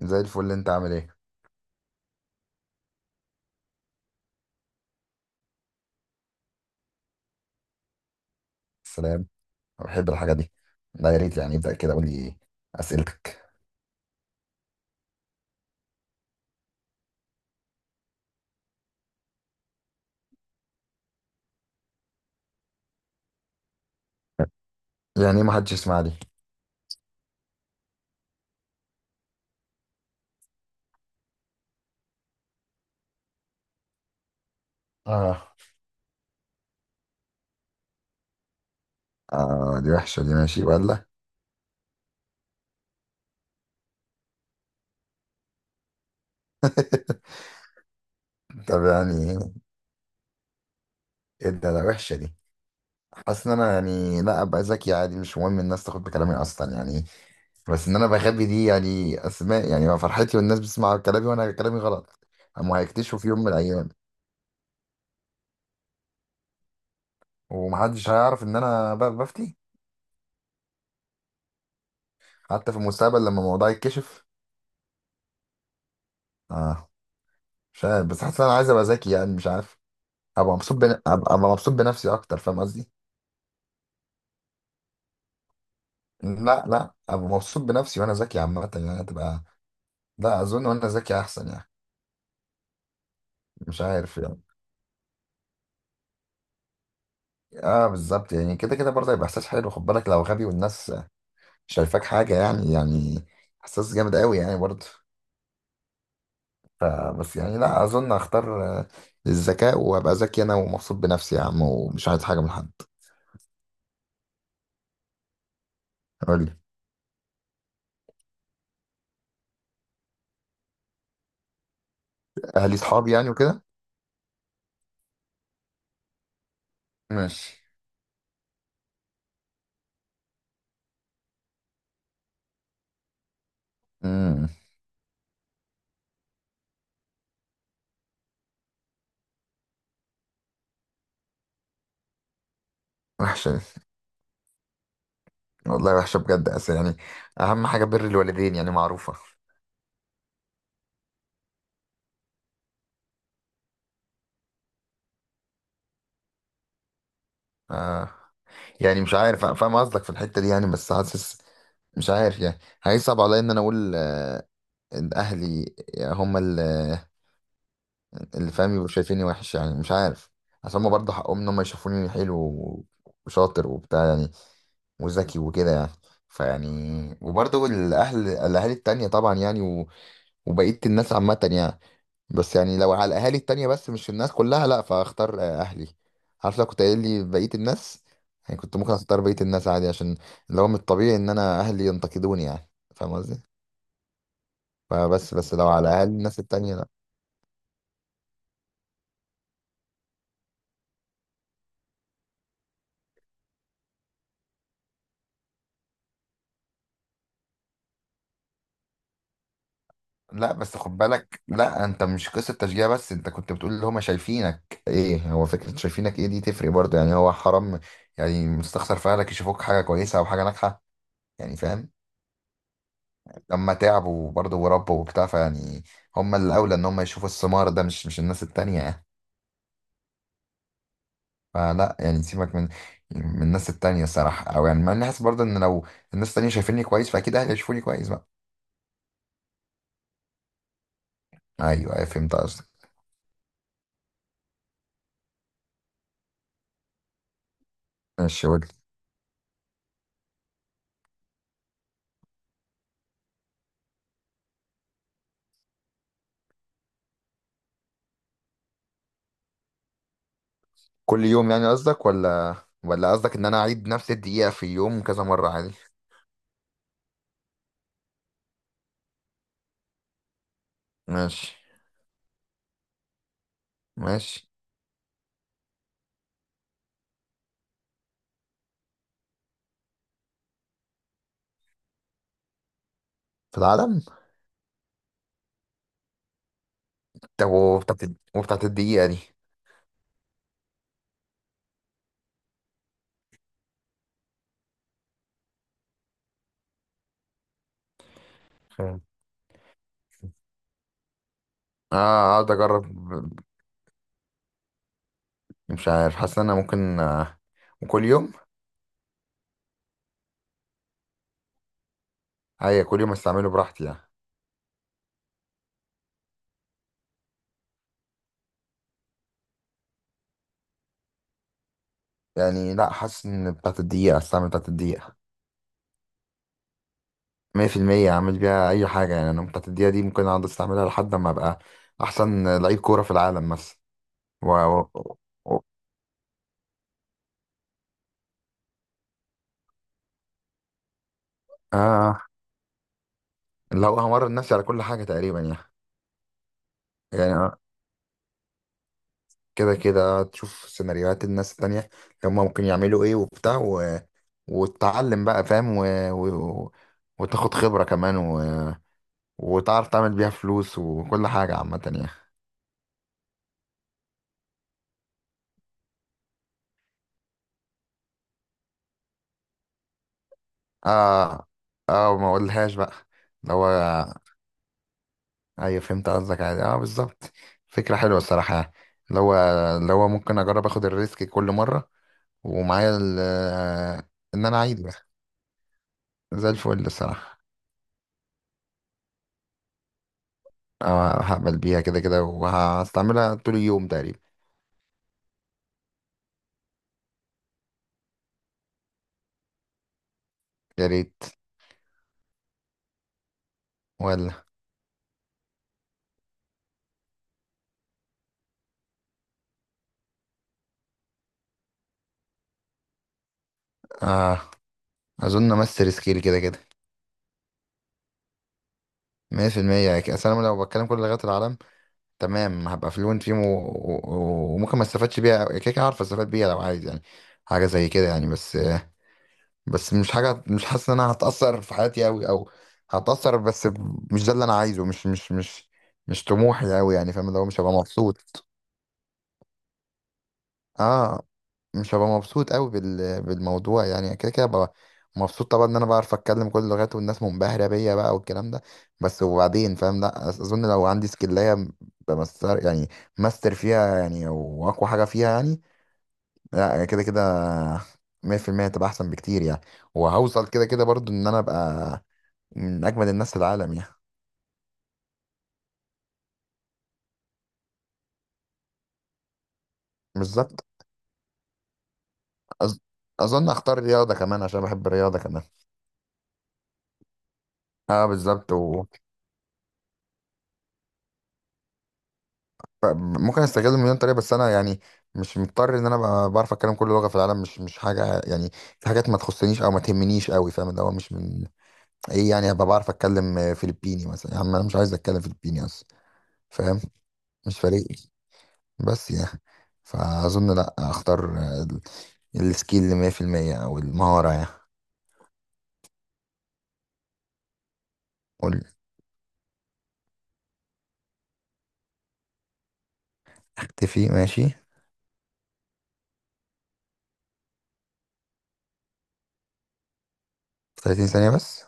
زي الفل، انت عامل ايه؟ سلام. انا بحب الحاجه دي. لا يا ريت، يعني ابدا كده، قول لي اسئلتك. يعني ايه ما حدش يسمع لي؟ اه. اه دي وحشه دي، ماشي ولا؟ طب يعني ايه؟ ايه ده؟ وحشه دي. حاسس ان انا يعني لا ابقى ذكي عادي، مش مهم الناس تاخد بكلامي اصلا يعني. بس ان انا بخبي دي، يعني اسماء يعني ما فرحتي، والناس بتسمع كلامي وانا كلامي غلط. هم هيكتشفوا في يوم من الايام. ومحدش هيعرف ان انا بفتي حتى في المستقبل لما الموضوع يتكشف. اه. مش عارف بس حاسس إن انا عايز ابقى ذكي، يعني مش عارف. أبقى مبسوط بنفسي اكتر، فاهم قصدي؟ لا لا، ابقى مبسوط بنفسي وانا ذكي عامه، يعني هتبقى. لا اظن وانا ذكي احسن يعني. مش عارف يعني. اه بالظبط، يعني كده كده برضه هيبقى احساس حلو، خد بالك لو غبي والناس شايفاك حاجه. يعني احساس جامد قوي يعني برضه. ف- بس يعني لا اظن هختار الذكاء، وابقى ذكي انا ومبسوط بنفسي يا عم، ومش عايز حاجه من حد. قول لي. اهلي صحابي يعني وكده. ماشي. امم وحشه دي. والله وحشة بجد، أصل يعني أهم حاجة بر الوالدين يعني معروفة. آه. يعني مش عارف، أنا فاهم قصدك في الحتة دي يعني، بس حاسس مش عارف يعني. هيصعب عليا إن أنا أقول آه إن أهلي هم اللي فاهم يبقوا شايفيني وحش، يعني مش عارف. عشان هما برضه حقهم إن هما يشوفوني حلو وشاطر وبتاع يعني، وذكي وكده يعني. فيعني، وبرضه الأهالي التانية طبعا يعني، وبقية الناس عامة يعني. بس يعني لو على الاهالي التانية بس، مش الناس كلها، لا فاختار اهلي. عارف لو كنت قايل لي بقية الناس، يعني كنت ممكن اختار بقية الناس عادي، عشان اللي هو من الطبيعي ان انا اهلي ينتقدوني يعني. فاهم قصدي؟ فبس، لو على اهالي الناس التانية لا. لا، بس خد بالك، لا انت مش قصة تشجيع بس، انت كنت بتقول اللي هما شايفينك ايه. هو فكرة شايفينك ايه دي تفرق برضه يعني. هو حرام يعني مستخسر في اهلك يشوفوك حاجة كويسة او حاجة ناجحة؟ يعني فاهم. لما تعبوا برضه وربوا وبتاع، فيعني هم الأولى إن هم يشوفوا الثمار ده، مش الناس التانية يعني. فلا يعني، سيبك من الناس التانية الصراحة. أو يعني ما أنا حاسس برضه إن لو الناس التانية شايفيني كويس فأكيد أهلي هيشوفوني كويس بقى. أيوه أيوه، فهمت قصدك. ماشي قول لي. كل يوم يعني قصدك ولا؟ ولا قصدك إن أنا أعيد نفس الدقيقة في يوم كذا مرة عادي؟ ماشي. ماشي. في العالم؟ طب وبتاعت الدقيقة دي. فاهم. اه. اقعد اجرب. مش عارف، حاسس ان انا ممكن وكل يوم. هي كل يوم استعمله براحتي يعني؟ يعني لا، حاسس ان بتاعت الدقيقة، استعمل بتاعت الدقيقة. 100% اعمل بيها اي حاجة يعني. انا بتاعت الدقيقة دي ممكن اقعد استعملها لحد ما ابقى احسن لعيب كورة في العالم مثلا. و... و... و... آه لو همرن نفسي على كل حاجة تقريبا يعني. يعني كده كده تشوف سيناريوهات الناس التانية، هما ممكن يعملوا ايه وبتاع، وتتعلم بقى فاهم، و... وتاخد خبرة كمان، وتعرف تعمل بيها فلوس وكل حاجة عامة يعني. اه. اه، ما اقولهاش بقى. اللي هو. ايوه فهمت قصدك، عادي، اه بالظبط. فكرة حلوة الصراحة يعني. اللي هو اللي هو ممكن اجرب اخد الريسك كل مرة، ومعايا ان انا عادي بقى. زي الفل الصراحة. اه، هقبل بيها كده كده وهستعملها طول اليوم تقريبا. يا ريت. ولا. اه اظن امس ريسكيل كده كده. 100%، اصل انا لو بتكلم كل لغات العالم تمام هبقى فلوينت فيهم، وممكن ما استفادش بيها كده كده، عارف استفاد بيها لو عايز يعني حاجه زي كده يعني. بس، مش حاجه، مش حاسس ان انا هتاثر في حياتي قوي او هتاثر. بس مش ده اللي انا عايزه، مش طموحي قوي يعني. فاهم اللي هو مش هبقى مبسوط. اه مش هبقى مبسوط قوي بالموضوع يعني. كده كده هبقى مبسوط طبعا ان انا بعرف اتكلم كل اللغات والناس منبهره بيا بقى والكلام ده، بس وبعدين فاهم. لا اظن لو عندي سكلايه بمستر، يعني ماستر فيها يعني، واقوى حاجه فيها يعني، لا كده كده 100% هتبقى احسن بكتير يعني، وهوصل كده كده برضو ان انا ابقى من اجمد الناس في العالم يعني. بالظبط. أظ... اظن اختار رياضه كمان عشان بحب الرياضه كمان. اه بالظبط. ممكن استغل مليون طريقه، بس انا يعني مش مضطر ان انا ابقى بعرف اتكلم كل لغه في العالم، مش حاجه يعني، في حاجات ما تخصنيش او ما تهمنيش قوي. فاهم اللي هو مش من. ايه يعني هبقى بعرف اتكلم فلبيني مثلا؟ يا عم انا مش عايز اتكلم فلبيني اصلا، فاهم. مش فارق لي. بس يعني فاظن لا اختار السكيل اللي 100% او المهاره يعني. قول. اختفي ماشي. في 30 ثانيه بس؟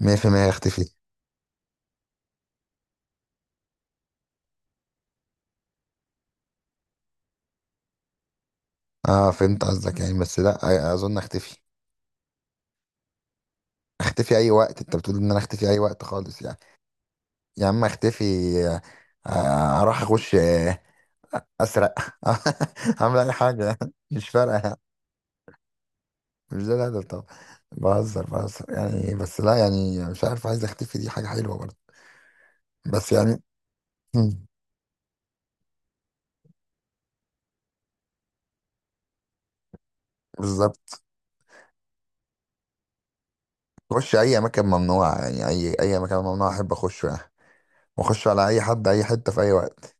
100%. اختفي. اه فهمت قصدك، يعني بس لا اظن اختفي. اختفي اي وقت، انت بتقول ان انا اختفي اي وقت خالص يعني. يا عم اختفي. اروح اخش اسرق اعمل اي حاجه. مش فارقه يعني. مش ده الهدف طبعا. بهزر بهزر، يعني إيه بس لا يعني مش عارف، عايز اختفي دي حاجه حلوه برضه. بس يعني مم. بالظبط. اخش اي مكان ممنوع يعني، اي مكان ممنوع احب اخشه يعني. واخش على اي حد اي حته في اي وقت.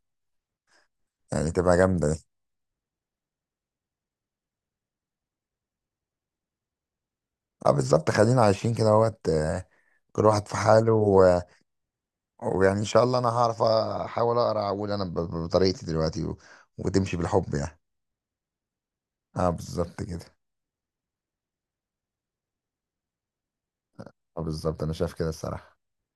يعني تبقى جامده دي. اه بالظبط، خلينا عايشين كده وقت، كل واحد في حاله. ويعني ان شاء الله انا هعرف احاول اقرا، اقول انا بطريقتي دلوقتي، وتمشي بالحب يعني. اه بالظبط كده. اه بالظبط انا شايف كده الصراحة.